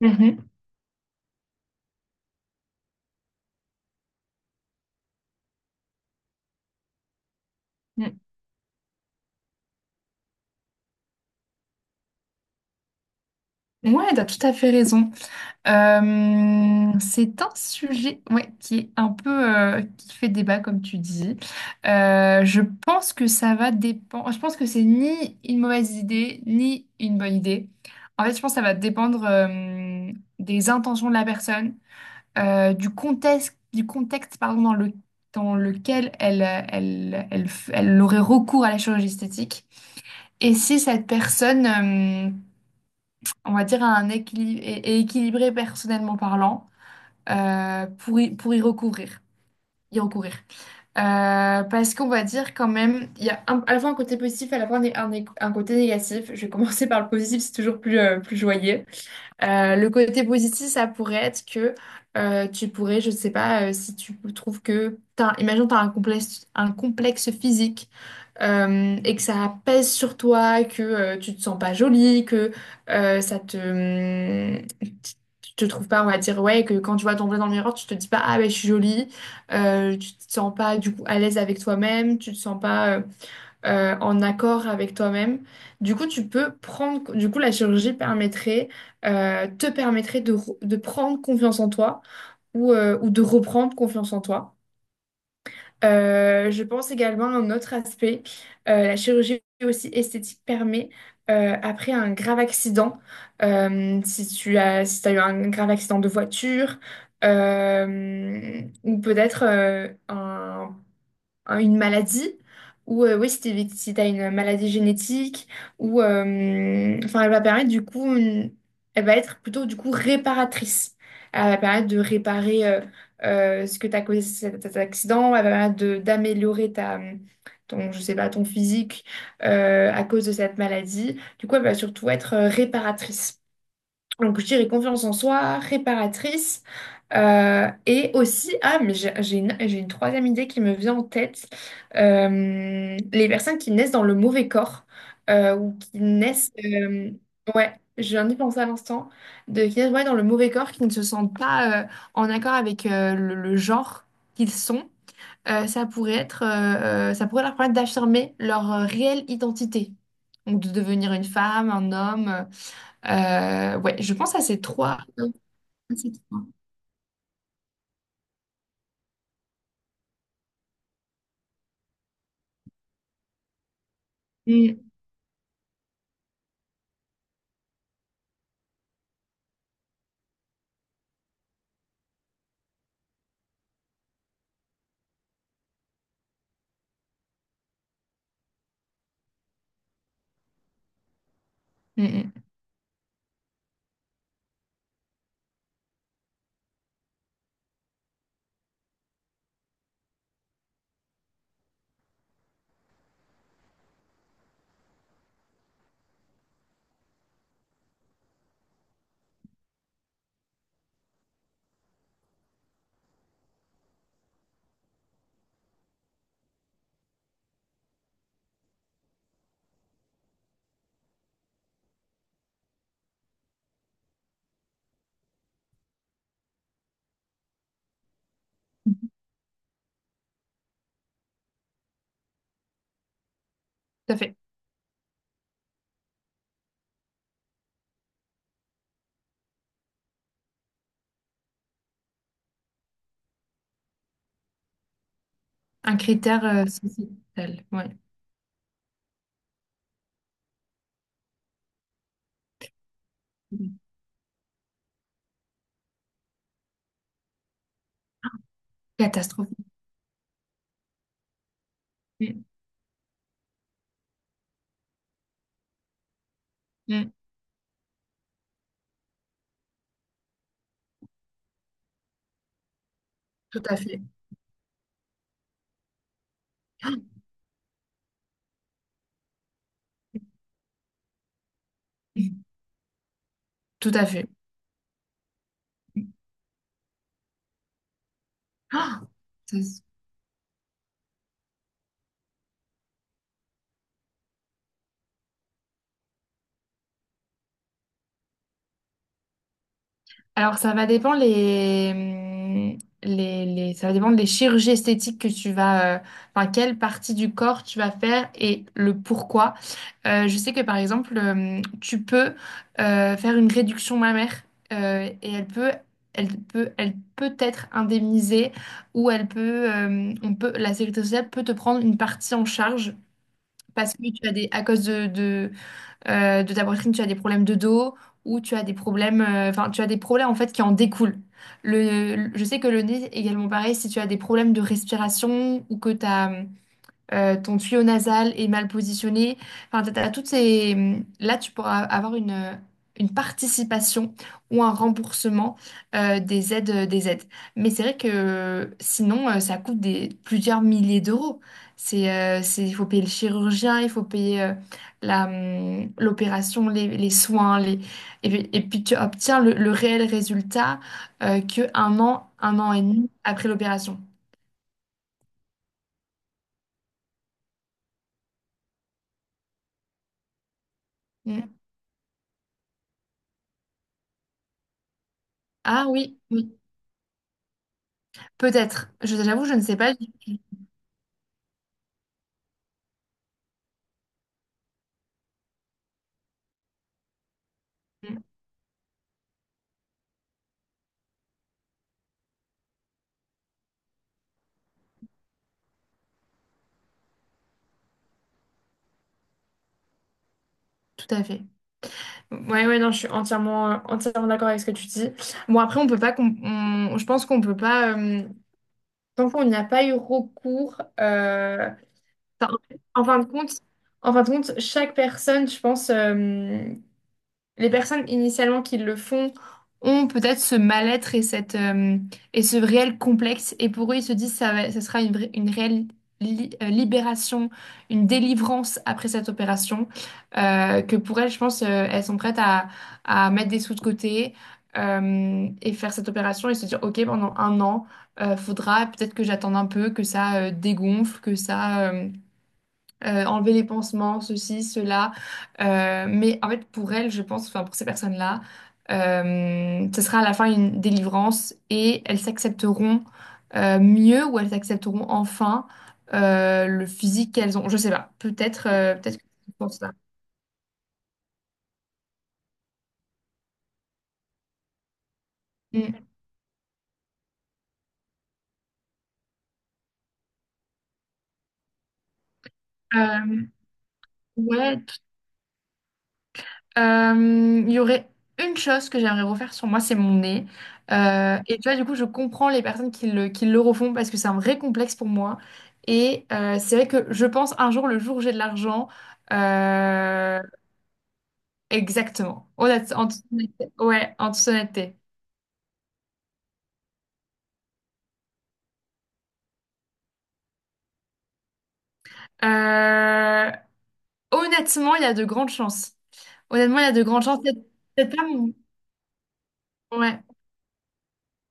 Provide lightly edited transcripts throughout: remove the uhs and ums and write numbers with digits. Mhm. Mm. Mm. Ouais, t'as tout à fait raison. C'est un sujet, ouais, qui est un peu, qui fait débat, comme tu dis. Je pense que ça va dépendre. Je pense que c'est ni une mauvaise idée, ni une bonne idée. En fait, je pense que ça va dépendre, des intentions de la personne, du contexte pardon, dans lequel elle, elle, elle aurait recours à la chirurgie esthétique. Et si cette personne, on va dire, à un équilibre et équilibré personnellement parlant, pour y recourir. Y recourir. Parce qu'on va dire quand même, il y a à la fois un côté positif, à la fois un côté négatif. Je vais commencer par le positif, c'est toujours plus, plus joyeux. Le côté positif, ça pourrait être que, tu pourrais, je ne sais pas, si tu trouves que, imagine, tu as un complexe physique, et que ça pèse sur toi, que tu te sens pas jolie, que ça te... Tu te trouves pas, on va dire, ouais, que quand tu vois ton vrai dans le miroir, tu te dis pas, ah ben je suis jolie, tu te sens pas du coup à l'aise avec toi-même, tu te sens pas, en accord avec toi-même. Du coup, la chirurgie permettrait, te permettrait de, de prendre confiance en toi ou de reprendre confiance en toi. Je pense également à un autre aspect. La chirurgie aussi esthétique permet, après un grave accident, si tu as, si t'as eu un grave accident de voiture, ou peut-être, une maladie, ou oui, si t'as une maladie génétique, ou enfin, elle va permettre du coup elle va être plutôt du coup réparatrice, elle va permettre de réparer, ce que t'as causé cet accident, elle va permettre d'améliorer ta ton, je sais pas, ton physique, à cause de cette maladie, du coup elle va surtout être, réparatrice. Donc je dirais confiance en soi, réparatrice, et aussi, ah, mais j'ai une troisième idée qui me vient en tête. Les personnes qui naissent dans le mauvais corps, ou qui naissent, ouais, je viens d'y penser à l'instant, de qui naissent, ouais, dans le mauvais corps, qui ne se sentent pas, en accord avec, le genre qu'ils sont, ça pourrait leur permettre d'affirmer leur, réelle identité. Donc, de devenir une femme, un homme. Ouais, je pense à ces trois. À ces trois. Mm, mm, mm. Tout à fait. Un critère, sociétal, ouais. Catastrophique. Mm, mm. Tout à fait. Ah, mm. Tout à fait. Ah, ça. Alors, ça va dépendre des chirurgies esthétiques que tu vas, enfin, quelle partie du corps tu vas faire et le pourquoi. Je sais que par exemple, tu peux, faire une réduction mammaire, et elle peut être indemnisée, ou elle peut, on peut, la sécurité sociale peut te prendre une partie en charge, parce que à cause de ta poitrine, tu as des problèmes de dos, ou tu as des problèmes en fait qui en découlent. Je sais que le nez également pareil, si tu as des problèmes de respiration, ou que tu as, ton tuyau nasal est mal positionné. Enfin, t'as toutes ces... Là, tu pourras avoir une participation, ou un remboursement, des aides, des aides. Mais c'est vrai que, sinon, ça coûte plusieurs milliers d'euros. Il faut payer le chirurgien, il faut payer, l'opération, les soins, les... Et puis, tu obtiens le réel résultat, que un an et demi après l'opération. Mm. Ah oui, oui. Peut-être. J'avoue, je ne sais pas tout. Mm. Tout à fait. Ouais, ouais, non, je suis entièrement d'accord avec ce que tu dis. Bon, après, on peut pas, com- on- je pense qu'on peut pas, tant qu'on n'y a pas eu recours, enfin, en fin de compte, en fin de compte, chaque personne, je pense, les personnes initialement qui le font ont peut-être ce mal-être, et cette et ce réel complexe, et pour eux ils se disent ça sera une réelle libération, une délivrance après cette opération, que pour elles, je pense, elles sont prêtes à mettre des sous de côté, et faire cette opération, et se dire ok pendant un an, faudra peut-être que j'attende un peu que ça, dégonfle, que ça, enlever les pansements, ceci, cela. Mais en fait, pour elles, je pense, enfin pour ces personnes-là, ce sera à la fin une délivrance, et elles s'accepteront, mieux, ou elles accepteront enfin, le physique qu'elles ont. Je sais pas. Peut-être que je pense ça. Mm. Euh, ouais. Il y aurait une chose que j'aimerais refaire sur moi, c'est mon nez. Et tu vois, du coup, je comprends les personnes qui le refont, parce que c'est un vrai complexe pour moi. Et, c'est vrai que je pense un jour, le jour où j'ai de l'argent, euh, exactement. En toute honnêteté. Ouais, en toute honnêteté. Euh, Honnêtement, il y a de grandes chances. Honnêtement, il y a de grandes chances. Peut-être pas mon... Ouais.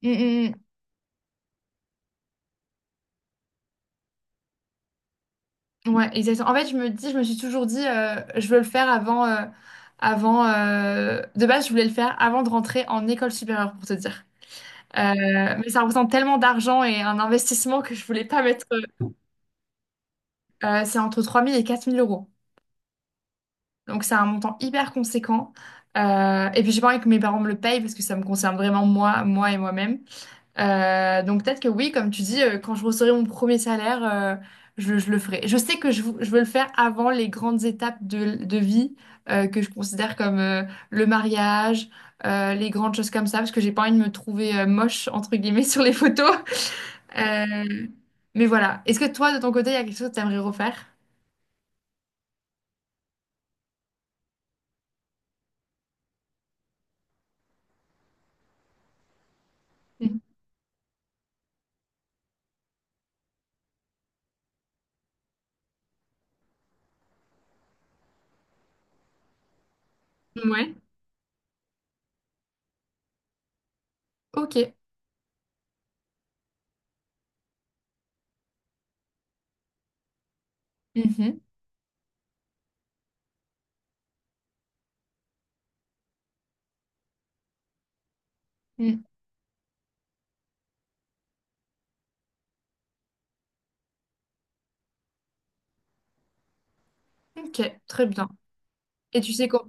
Mm, mm, mm. Ouais, exactement. En fait, je me dis, je me suis toujours dit, je veux le faire avant. De base, je voulais le faire avant de rentrer en école supérieure, pour te dire. Mais ça représente tellement d'argent et un investissement que je voulais pas mettre. C'est entre 3 000 et 4 000 euros. Donc, c'est un montant hyper conséquent. Et puis, j'ai pas envie que mes parents me le payent, parce que ça me concerne vraiment moi, moi et moi-même. Donc, peut-être que oui, comme tu dis, quand je recevrai mon premier salaire, je le ferai. Je sais que je veux le faire avant les grandes étapes de vie, que je considère comme, le mariage, les grandes choses comme ça, parce que j'ai pas envie de me trouver, moche, entre guillemets, sur les photos. Euh, mais voilà. Est-ce que toi, de ton côté, il y a quelque chose que tu aimerais refaire? Mhm. Ouais. Ok. Mhm. Mm. Ok, très bien. Et tu sais quoi?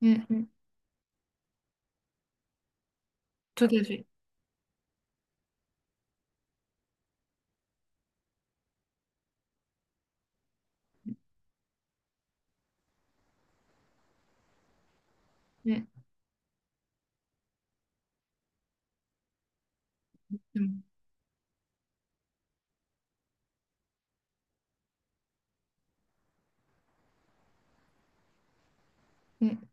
Mm, mm. Tout à fait. Mm, mm. Mm.